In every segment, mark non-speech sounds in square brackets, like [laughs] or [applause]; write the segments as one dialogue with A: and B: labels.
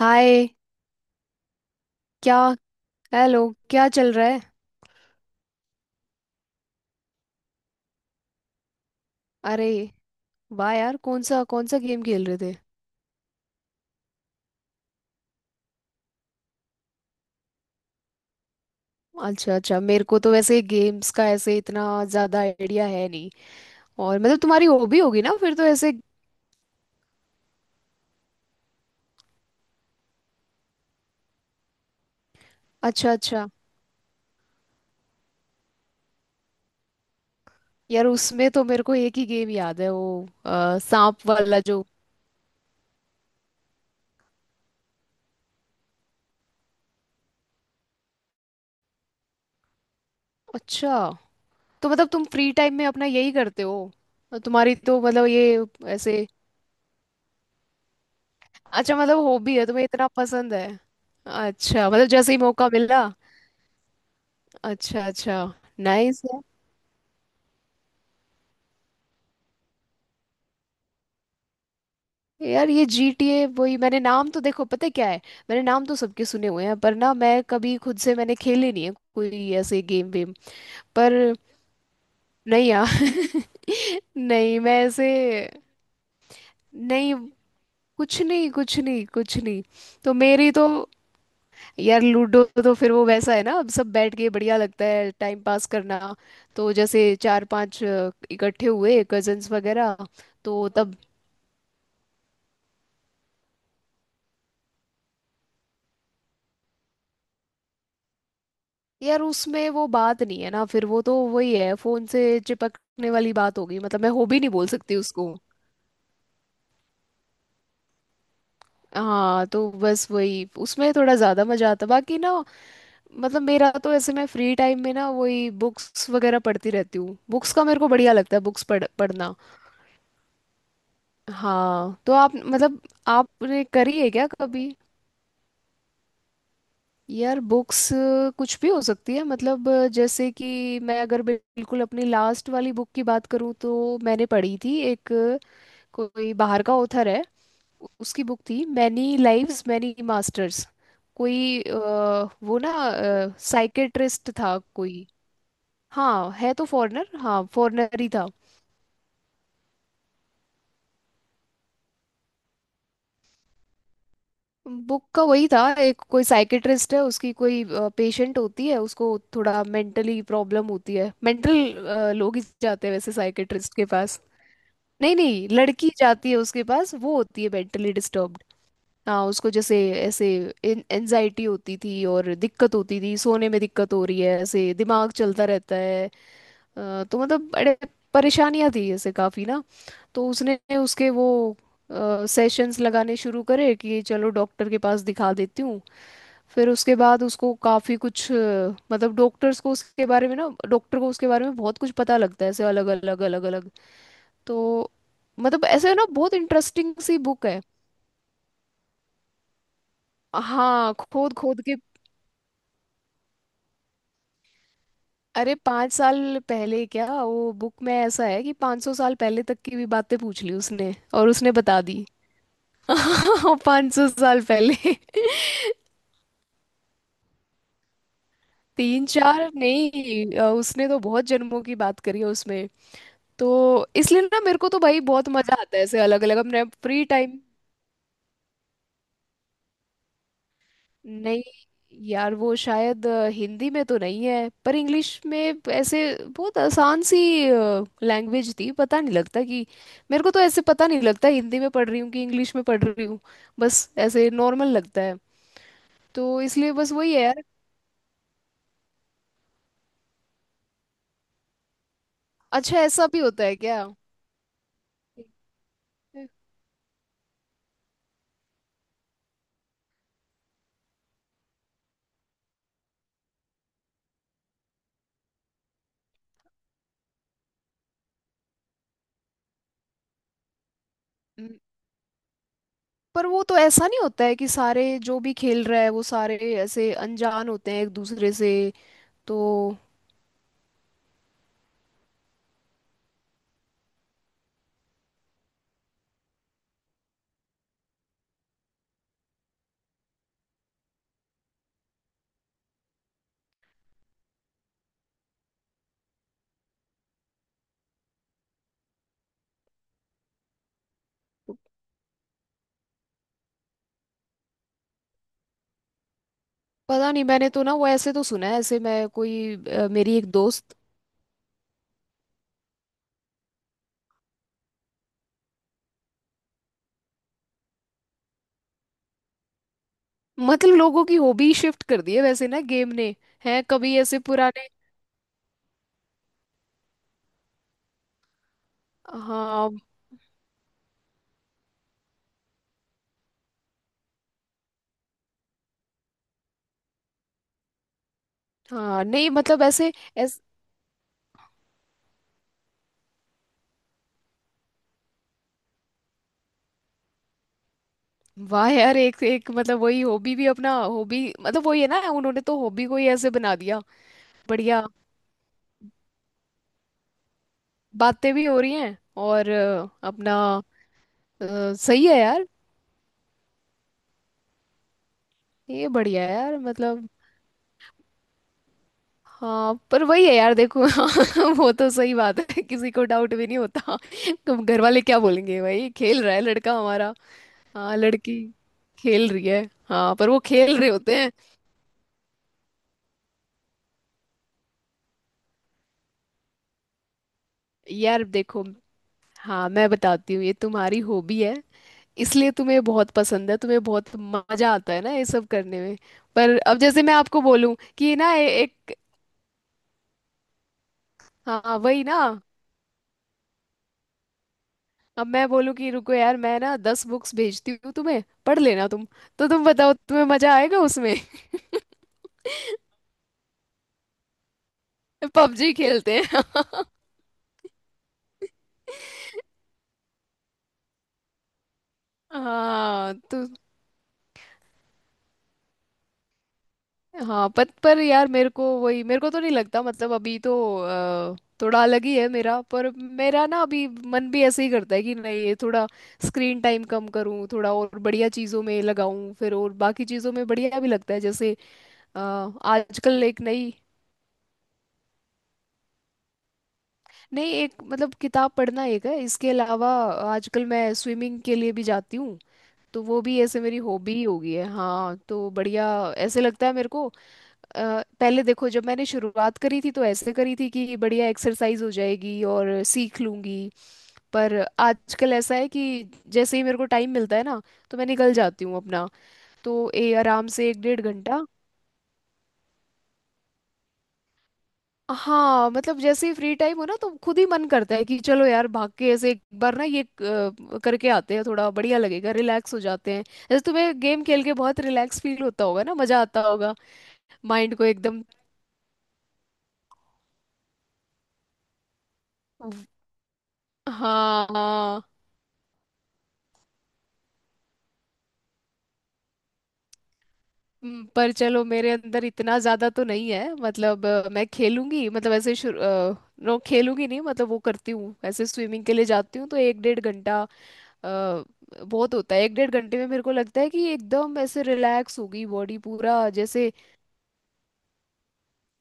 A: हाय। क्या हेलो। क्या चल रहा है? अरे, वाह यार, कौन सा गेम खेल रहे थे? अच्छा अच्छा, मेरे को तो वैसे गेम्स का ऐसे इतना ज्यादा आइडिया है नहीं। और मतलब तुम्हारी हॉबी होगी ना फिर तो ऐसे। अच्छा अच्छा। यार उसमें तो मेरे को एक ही गेम याद है, वो सांप वाला जो। अच्छा, तो मतलब तुम फ्री टाइम में अपना यही करते हो? तुम्हारी तो मतलब ये ऐसे। अच्छा, मतलब हॉबी है, तुम्हें इतना पसंद है। अच्छा, मतलब जैसे ही मौका मिला। अच्छा अच्छा। नाइस है। यार ये GTA, वही मैंने नाम तो देखो, पता है क्या है? मैंने नाम तो सबके सुने हुए हैं, पर ना मैं कभी खुद से मैंने खेले नहीं है कोई ऐसे गेम वेम। पर नहीं यार। [laughs] नहीं, मैं ऐसे नहीं, कुछ नहीं, कुछ नहीं, कुछ नहीं। तो मेरी तो, यार लूडो तो फिर वो वैसा है ना, अब सब बैठ के बढ़िया लगता है, टाइम पास करना। तो जैसे चार पांच इकट्ठे हुए कजन्स वगैरह। तो तब। यार उसमें वो बात नहीं है ना, फिर वो तो वही है फोन से चिपकने वाली बात हो गई, मतलब मैं हॉबी नहीं बोल सकती उसको। हाँ तो बस वही उसमें थोड़ा ज्यादा मजा आता, बाकी ना। मतलब मेरा तो ऐसे, मैं फ्री टाइम में ना वही बुक्स वगैरह पढ़ती रहती हूँ, बुक्स का मेरे को बढ़िया लगता है, बुक्स पढ़ पढ़ना। हाँ तो आप मतलब आपने करी है क्या कभी? यार बुक्स कुछ भी हो सकती है, मतलब जैसे कि मैं अगर बिल्कुल अपनी लास्ट वाली बुक की बात करूँ तो मैंने पढ़ी थी एक। कोई बाहर का ऑथर है, उसकी बुक थी मैनी लाइव्स मैनी मास्टर्स। कोई वो ना साइकेट्रिस्ट था कोई। हाँ है तो फॉरेनर, हाँ फॉरेनर ही था। बुक का वही था, एक कोई साइकेट्रिस्ट है, उसकी कोई पेशेंट होती है उसको, थोड़ा मेंटली प्रॉब्लम होती है, मेंटल लोग ही जाते हैं वैसे साइकेट्रिस्ट के पास। नहीं नहीं, लड़की जाती है उसके पास, वो होती है मेंटली डिस्टर्ब। हाँ उसको जैसे ऐसे एनजाइटी होती थी, और दिक्कत होती थी सोने में, दिक्कत हो रही है, ऐसे दिमाग चलता रहता है। तो मतलब बड़े परेशानियां थी ऐसे काफी ना। तो उसने उसके वो सेशंस लगाने शुरू करे कि चलो डॉक्टर के पास दिखा देती हूँ। फिर उसके बाद उसको काफी कुछ मतलब डॉक्टर्स को उसके बारे में ना, डॉक्टर को उसके बारे में बहुत कुछ पता लगता है, ऐसे अलग अलग अलग अलग। तो मतलब ऐसे ना बहुत इंटरेस्टिंग सी बुक है। हाँ खोद खोद के। अरे 5 साल पहले क्या, वो बुक में ऐसा है कि 500 साल पहले तक की भी बातें पूछ ली उसने, और उसने बता दी। [laughs] 500 साल पहले। तीन चार नहीं, उसने तो बहुत जन्मों की बात करी है उसमें। तो इसलिए ना मेरे को तो भाई बहुत मजा आता है, ऐसे अलग अलग, अपने फ्री टाइम। नहीं यार, वो शायद हिंदी में तो नहीं है, पर इंग्लिश में ऐसे बहुत आसान सी लैंग्वेज थी, पता नहीं लगता कि मेरे को तो ऐसे पता नहीं लगता हिंदी में पढ़ रही हूँ कि इंग्लिश में पढ़ रही हूँ, बस ऐसे नॉर्मल लगता है। तो इसलिए बस वही है यार। अच्छा, ऐसा भी होता है क्या? न- पर वो तो ऐसा नहीं होता है कि सारे जो भी खेल रहा है वो सारे ऐसे अनजान होते हैं एक दूसरे से। तो पता नहीं, मैंने तो ना वो ऐसे तो सुना है, ऐसे मैं कोई मेरी एक दोस्त। मतलब लोगों की हॉबी शिफ्ट कर दी है वैसे ना गेम ने। है कभी ऐसे पुराने। हाँ हाँ। नहीं मतलब ऐसे। ऐस वाह यार, एक एक मतलब वही हॉबी भी अपना, हॉबी मतलब वही है ना, उन्होंने तो हॉबी को ही ऐसे बना दिया। बढ़िया। बातें भी हो रही हैं और अपना। सही है यार। ये बढ़िया है यार मतलब। हाँ पर वही है यार देखो। [laughs] हाँ, वो तो सही बात है, किसी को डाउट भी नहीं होता। तुम घर वाले क्या बोलेंगे, भाई खेल रहा है लड़का हमारा। हाँ लड़की खेल रही है। हाँ पर वो खेल रहे होते हैं। यार देखो, हाँ मैं बताती हूँ, ये तुम्हारी हॉबी है, इसलिए तुम्हें बहुत पसंद है, तुम्हें बहुत मजा आता है ना ये सब करने में। पर अब जैसे मैं आपको बोलूँ कि ना एक। हाँ वही ना, अब मैं बोलूँ कि रुको यार, मैं ना 10 बुक्स भेजती हूँ तुम्हें, पढ़ लेना तुम। तो तुम बताओ तुम्हें मजा आएगा उसमें? [laughs] पबजी खेलते हैं। [laughs] हाँ तो। हाँ पर यार मेरे को वही, मेरे को तो नहीं लगता मतलब अभी तो अ, थोड़ा अलग ही है मेरा, पर मेरा ना अभी मन भी ऐसे ही करता है कि नहीं ये थोड़ा स्क्रीन टाइम कम करूँ, थोड़ा और बढ़िया चीज़ों में लगाऊँ फिर, और बाकी चीज़ों में बढ़िया भी लगता है, जैसे अ, आजकल एक नई। नहीं एक मतलब किताब पढ़ना एक है, इसके अलावा आजकल मैं स्विमिंग के लिए भी जाती हूँ, तो वो भी ऐसे मेरी हॉबी ही हो गई है, हाँ तो बढ़िया ऐसे लगता है मेरे को। पहले देखो जब मैंने शुरुआत करी थी तो ऐसे करी थी कि बढ़िया एक्सरसाइज हो जाएगी और सीख लूंगी, पर आजकल ऐसा है कि जैसे ही मेरे को टाइम मिलता है ना, तो मैं निकल जाती हूँ अपना। तो ए आराम से एक डेढ़ घंटा। हाँ मतलब जैसे ही फ्री टाइम हो ना तो खुद ही मन करता है कि चलो यार, भाग के ऐसे एक बार ना ये करके आते हैं, थोड़ा बढ़िया लगेगा, रिलैक्स हो जाते हैं, जैसे तुम्हें गेम खेल के बहुत रिलैक्स फील होता होगा ना, मजा आता होगा, माइंड को एकदम। हाँ हाँ। पर चलो मेरे अंदर इतना ज्यादा तो नहीं है, मतलब मैं खेलूंगी मतलब ऐसे शुरू नो खेलूंगी नहीं, मतलब वो करती हूँ ऐसे, स्विमिंग के लिए जाती हूँ तो एक डेढ़ घंटा अ, बहुत होता है, एक डेढ़ घंटे में मेरे को लगता है कि एकदम ऐसे रिलैक्स हो गई बॉडी पूरा जैसे।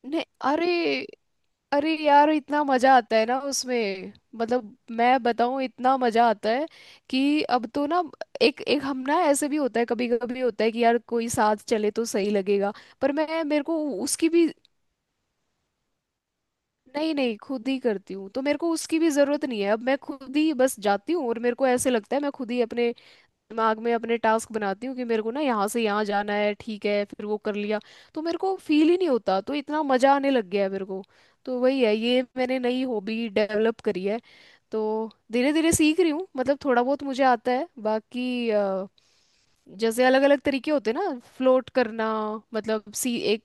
A: ने अरे, अरे यार इतना मजा आता है ना उसमें, मतलब मैं बताऊं इतना मजा आता है कि अब तो ना एक एक हम ना ऐसे भी होता है, कभी कभी होता है कि यार कोई साथ चले तो सही लगेगा। पर मैं, मेरे को उसकी भी, नहीं नहीं खुद ही करती हूँ तो मेरे को उसकी भी जरूरत नहीं है, अब मैं खुद ही बस जाती हूँ और मेरे को ऐसे लगता है मैं खुद ही अपने दिमाग में अपने टास्क बनाती हूँ कि मेरे को ना यहाँ से यहाँ जाना है, ठीक है फिर वो कर लिया, तो मेरे को फील ही नहीं होता, तो इतना मजा आने लग गया है मेरे को। तो वही है, ये मैंने नई हॉबी डेवलप करी है। तो धीरे धीरे सीख रही हूँ मतलब, थोड़ा बहुत मुझे आता है, बाकी जैसे अलग अलग तरीके होते हैं ना फ्लोट करना, मतलब सी एक।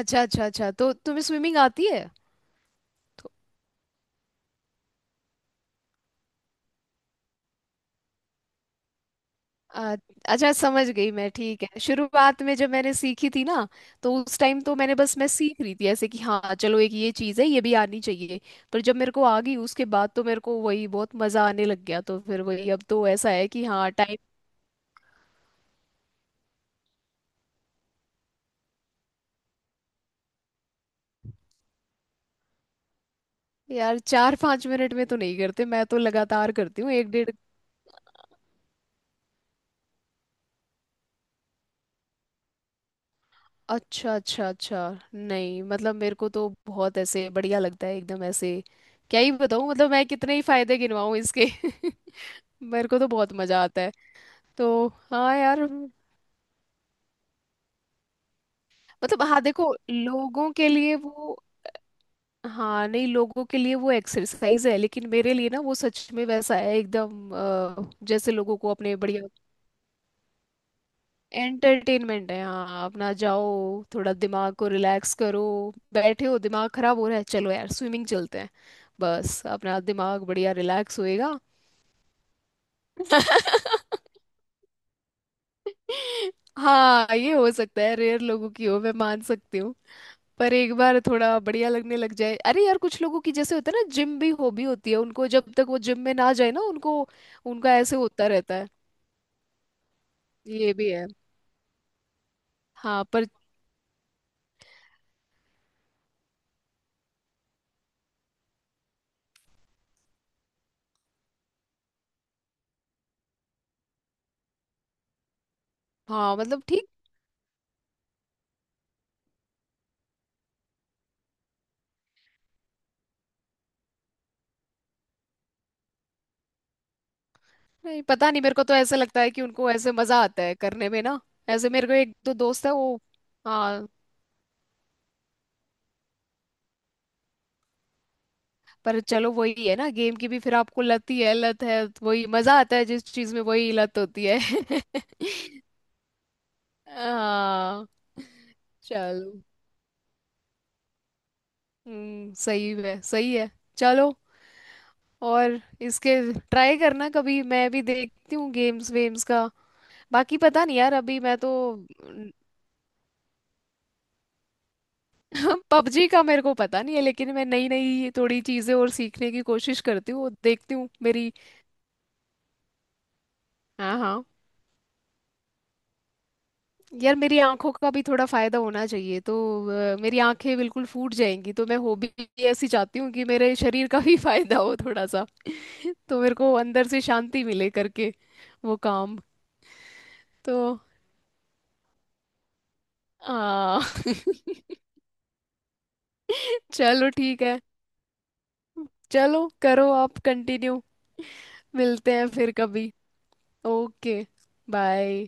A: अच्छा अच्छा अच्छा, तो तुम्हें स्विमिंग आती है? तो अ- अच्छा समझ गई मैं, ठीक है शुरुआत में जब मैंने सीखी थी ना तो उस टाइम तो मैंने बस मैं सीख रही थी ऐसे कि हाँ चलो एक ये चीज़ है, ये भी आनी चाहिए, पर जब मेरे को आ गई उसके बाद तो मेरे को वही बहुत मज़ा आने लग गया, तो फिर वही अब तो ऐसा है कि हाँ टाइम। यार चार पाँच मिनट में तो नहीं करते, मैं तो लगातार करती हूँ एक डेढ़। अच्छा अच्छा अच्छा। नहीं मतलब मेरे को तो बहुत ऐसे बढ़िया लगता है, एकदम ऐसे क्या ही बताऊँ, मतलब मैं कितने ही फायदे गिनवाऊँ इसके। [laughs] मेरे को तो बहुत मज़ा आता है। तो हाँ यार। मतलब हाँ देखो लोगों के लिए वो। हाँ नहीं, लोगों के लिए वो एक्सरसाइज है, लेकिन मेरे लिए ना वो सच में वैसा है एकदम जैसे लोगों को अपने बढ़िया एंटरटेनमेंट है, हाँ अपना जाओ थोड़ा दिमाग को रिलैक्स करो, बैठे हो दिमाग खराब हो रहा है, चलो यार स्विमिंग चलते हैं, बस अपना दिमाग बढ़िया रिलैक्स होएगा। [laughs] हाँ, ये हो सकता है रेयर लोगों की हो, मैं मान सकती हूँ। पर एक बार थोड़ा बढ़िया लगने लग जाए, अरे यार कुछ लोगों की जैसे होता है ना जिम भी हॉबी होती है उनको, जब तक वो जिम में ना जाए ना उनको, उनका ऐसे होता रहता है। ये भी है। हाँ पर। हाँ मतलब ठीक। नहीं पता नहीं, मेरे को तो ऐसा लगता है कि उनको ऐसे मजा आता है करने में ना, ऐसे मेरे को एक दो दोस्त है वो। हाँ पर चलो, वही है ना, गेम की भी फिर आपको लत ही है, लत है वही मजा आता है जिस चीज में वही लत होती है। [laughs] हाँ चलो। सही है सही है। चलो। और इसके ट्राई करना कभी, मैं भी देखती हूँ गेम्स वेम्स का, बाकी पता नहीं यार अभी मैं तो। [laughs] पबजी का मेरे को पता नहीं है, लेकिन मैं नई नई थोड़ी चीजें और सीखने की कोशिश करती हूँ, देखती हूँ मेरी। हाँ हाँ। यार मेरी आंखों का भी थोड़ा फायदा होना चाहिए, तो मेरी आंखें बिल्कुल फूट जाएंगी तो, मैं हॉबी ऐसी चाहती हूँ कि मेरे शरीर का भी [laughs] फायदा हो थोड़ा सा, [laughs] तो मेरे को अंदर से शांति मिले करके वो काम। तो आ, [laughs] चलो ठीक है। चलो करो आप कंटिन्यू। मिलते हैं फिर कभी। ओके। बाय।